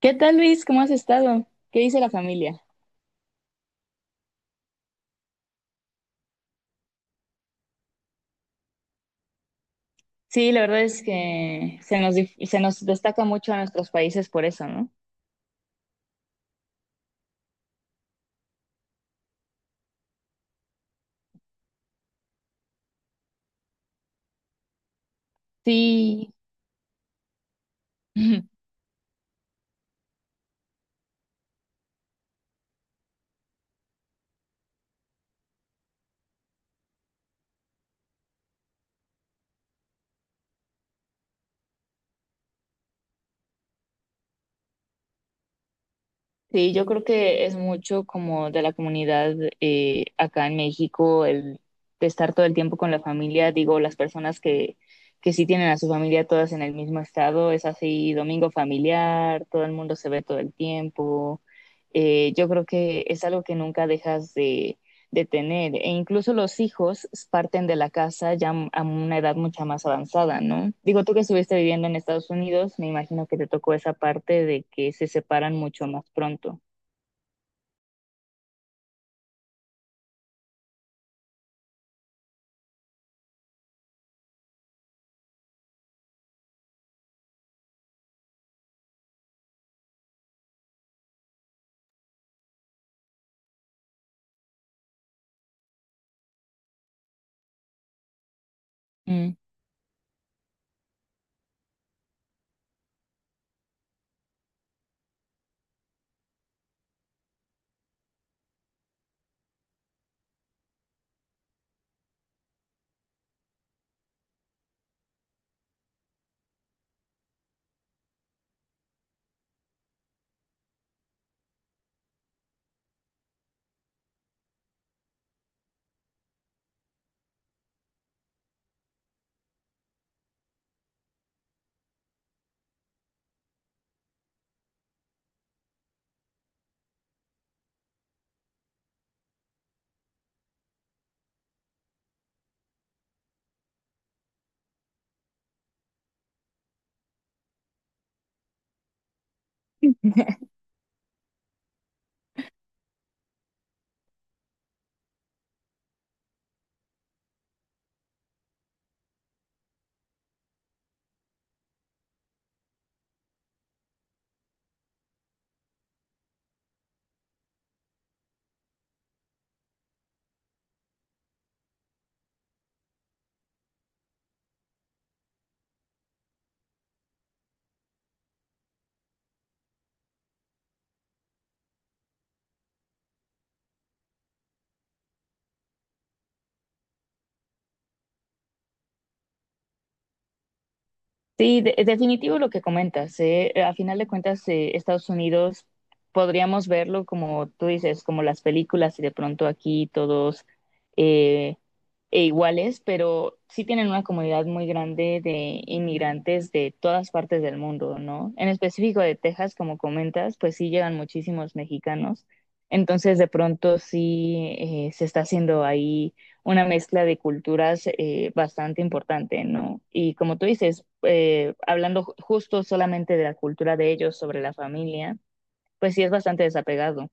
¿Qué tal, Luis? ¿Cómo has estado? ¿Qué dice la familia? Sí, la verdad es que se nos destaca mucho a nuestros países por eso, ¿no? Sí, sí, yo creo que es mucho como de la comunidad acá en México el de estar todo el tiempo con la familia, digo, las personas que sí tienen a su familia todas en el mismo estado, es así, domingo familiar, todo el mundo se ve todo el tiempo. Yo creo que es algo que nunca dejas de tener. E incluso los hijos parten de la casa ya a una edad mucha más avanzada, ¿no? Digo, tú que estuviste viviendo en Estados Unidos, me imagino que te tocó esa parte de que se separan mucho más pronto. Mm. Sí, de es definitivo lo que comentas, ¿eh? A final de cuentas, Estados Unidos podríamos verlo como tú dices, como las películas y de pronto aquí todos... Eh, e iguales, pero sí tienen una comunidad muy grande de inmigrantes de todas partes del mundo, ¿no? En específico de Texas, como comentas, pues sí llegan muchísimos mexicanos. Entonces, de pronto sí se está haciendo ahí una mezcla de culturas bastante importante, ¿no? Y como tú dices, justo solamente de la cultura de ellos sobre la familia, pues sí es bastante desapegado.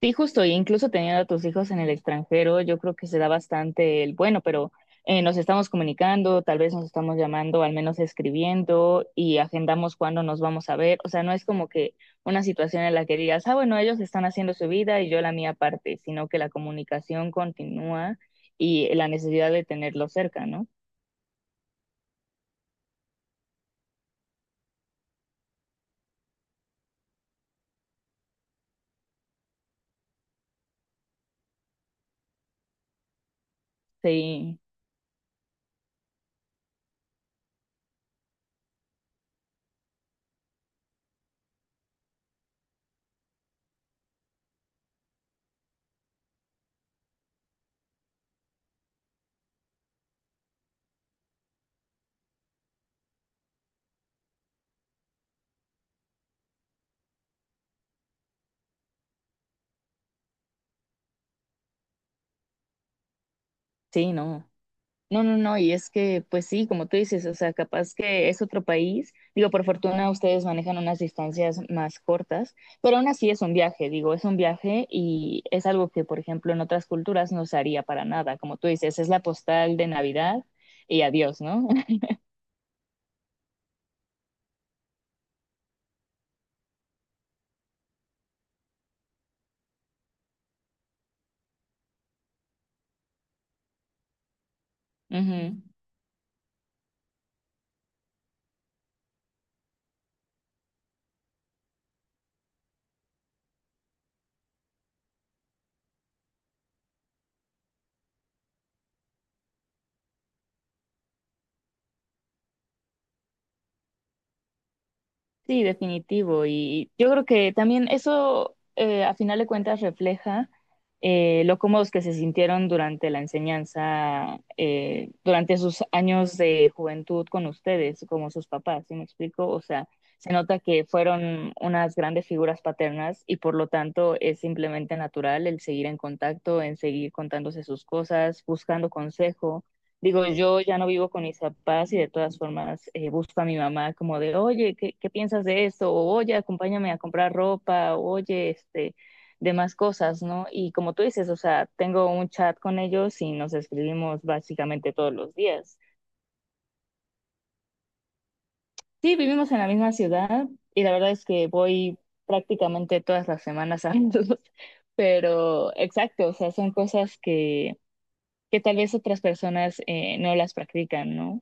Sí, justo, e incluso teniendo a tus hijos en el extranjero, yo creo que se da bastante el bueno, pero nos estamos comunicando, tal vez nos estamos llamando, al menos escribiendo y agendamos cuándo nos vamos a ver. O sea, no es como que una situación en la que digas, ah, bueno, ellos están haciendo su vida y yo la mía aparte, sino que la comunicación continúa y la necesidad de tenerlo cerca, ¿no? Sí, sí, no. No, no, no, y es que, pues sí, como tú dices, o sea, capaz que es otro país, digo, por fortuna ustedes manejan unas distancias más cortas, pero aún así es un viaje, digo, es un viaje y es algo que, por ejemplo, en otras culturas no se haría para nada, como tú dices, es la postal de Navidad y adiós, ¿no? Ujú. Sí, definitivo. Y yo creo que también eso, a final de cuentas, refleja lo cómodos que se sintieron durante la enseñanza, durante sus años de juventud con ustedes, como sus papás, ¿sí me explico? O sea, se nota que fueron unas grandes figuras paternas y por lo tanto es simplemente natural el seguir en contacto, en seguir contándose sus cosas, buscando consejo. Digo, yo ya no vivo con mis papás y de todas formas busco a mi mamá como de, oye, ¿qué piensas de esto? O, oye, acompáñame a comprar ropa, oye, este, demás cosas, ¿no? Y como tú dices, o sea, tengo un chat con ellos y nos escribimos básicamente todos los días. Sí, vivimos en la misma ciudad y la verdad es que voy prácticamente todas las semanas a verlos, pero exacto, o sea, son cosas que tal vez otras personas no las practican, ¿no?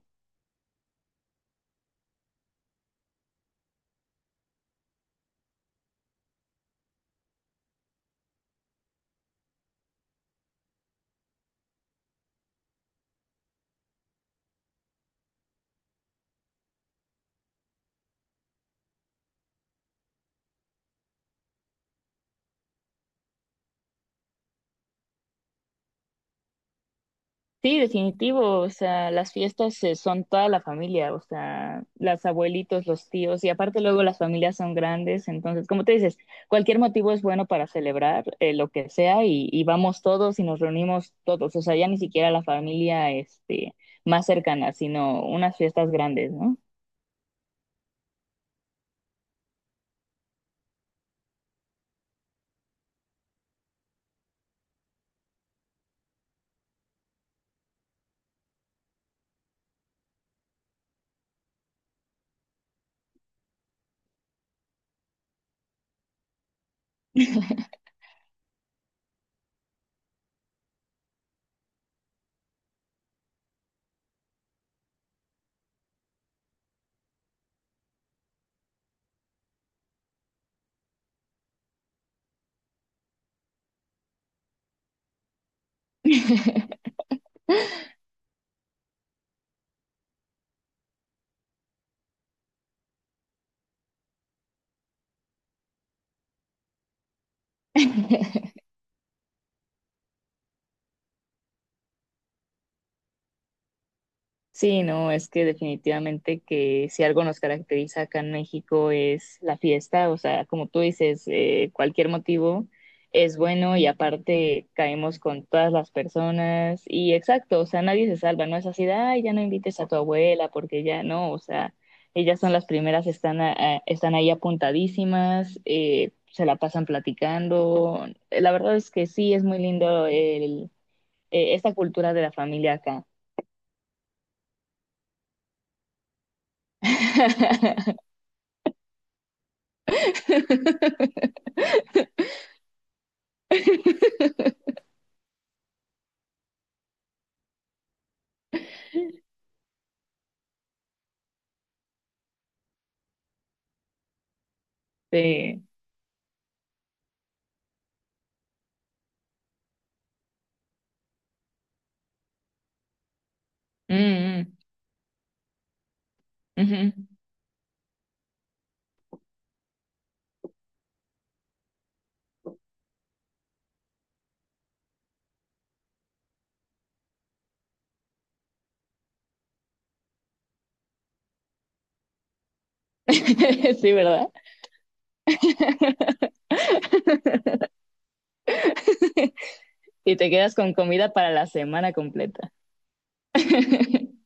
Sí, definitivo, o sea, las fiestas son toda la familia, o sea, las abuelitos, los tíos, y aparte luego las familias son grandes, entonces, como te dices, cualquier motivo es bueno para celebrar lo que sea y vamos todos y nos reunimos todos, o sea, ya ni siquiera la familia este, más cercana, sino unas fiestas grandes, ¿no? Sí, no, es que definitivamente que si algo nos caracteriza acá en México es la fiesta, o sea, como tú dices, cualquier motivo es bueno y aparte caemos con todas las personas y exacto, o sea, nadie se salva, no es así de, ay, ya no invites a tu abuela porque ya no, o sea, ellas son las primeras, están ahí apuntadísimas, se la pasan platicando. La verdad es que sí, es muy lindo el, esta cultura de la familia acá. Sí. Mm, mm, ujú. Sí, ¿verdad? Y te quedas con comida para la semana completa.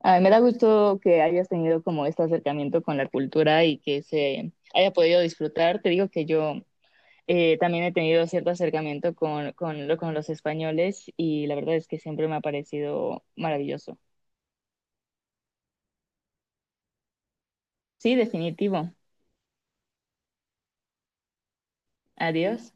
A mí me da gusto que hayas tenido como este acercamiento con la cultura y que se haya podido disfrutar. Te digo que yo también he tenido cierto acercamiento con, con los españoles y la verdad es que siempre me ha parecido maravilloso. Sí, definitivo. Adiós.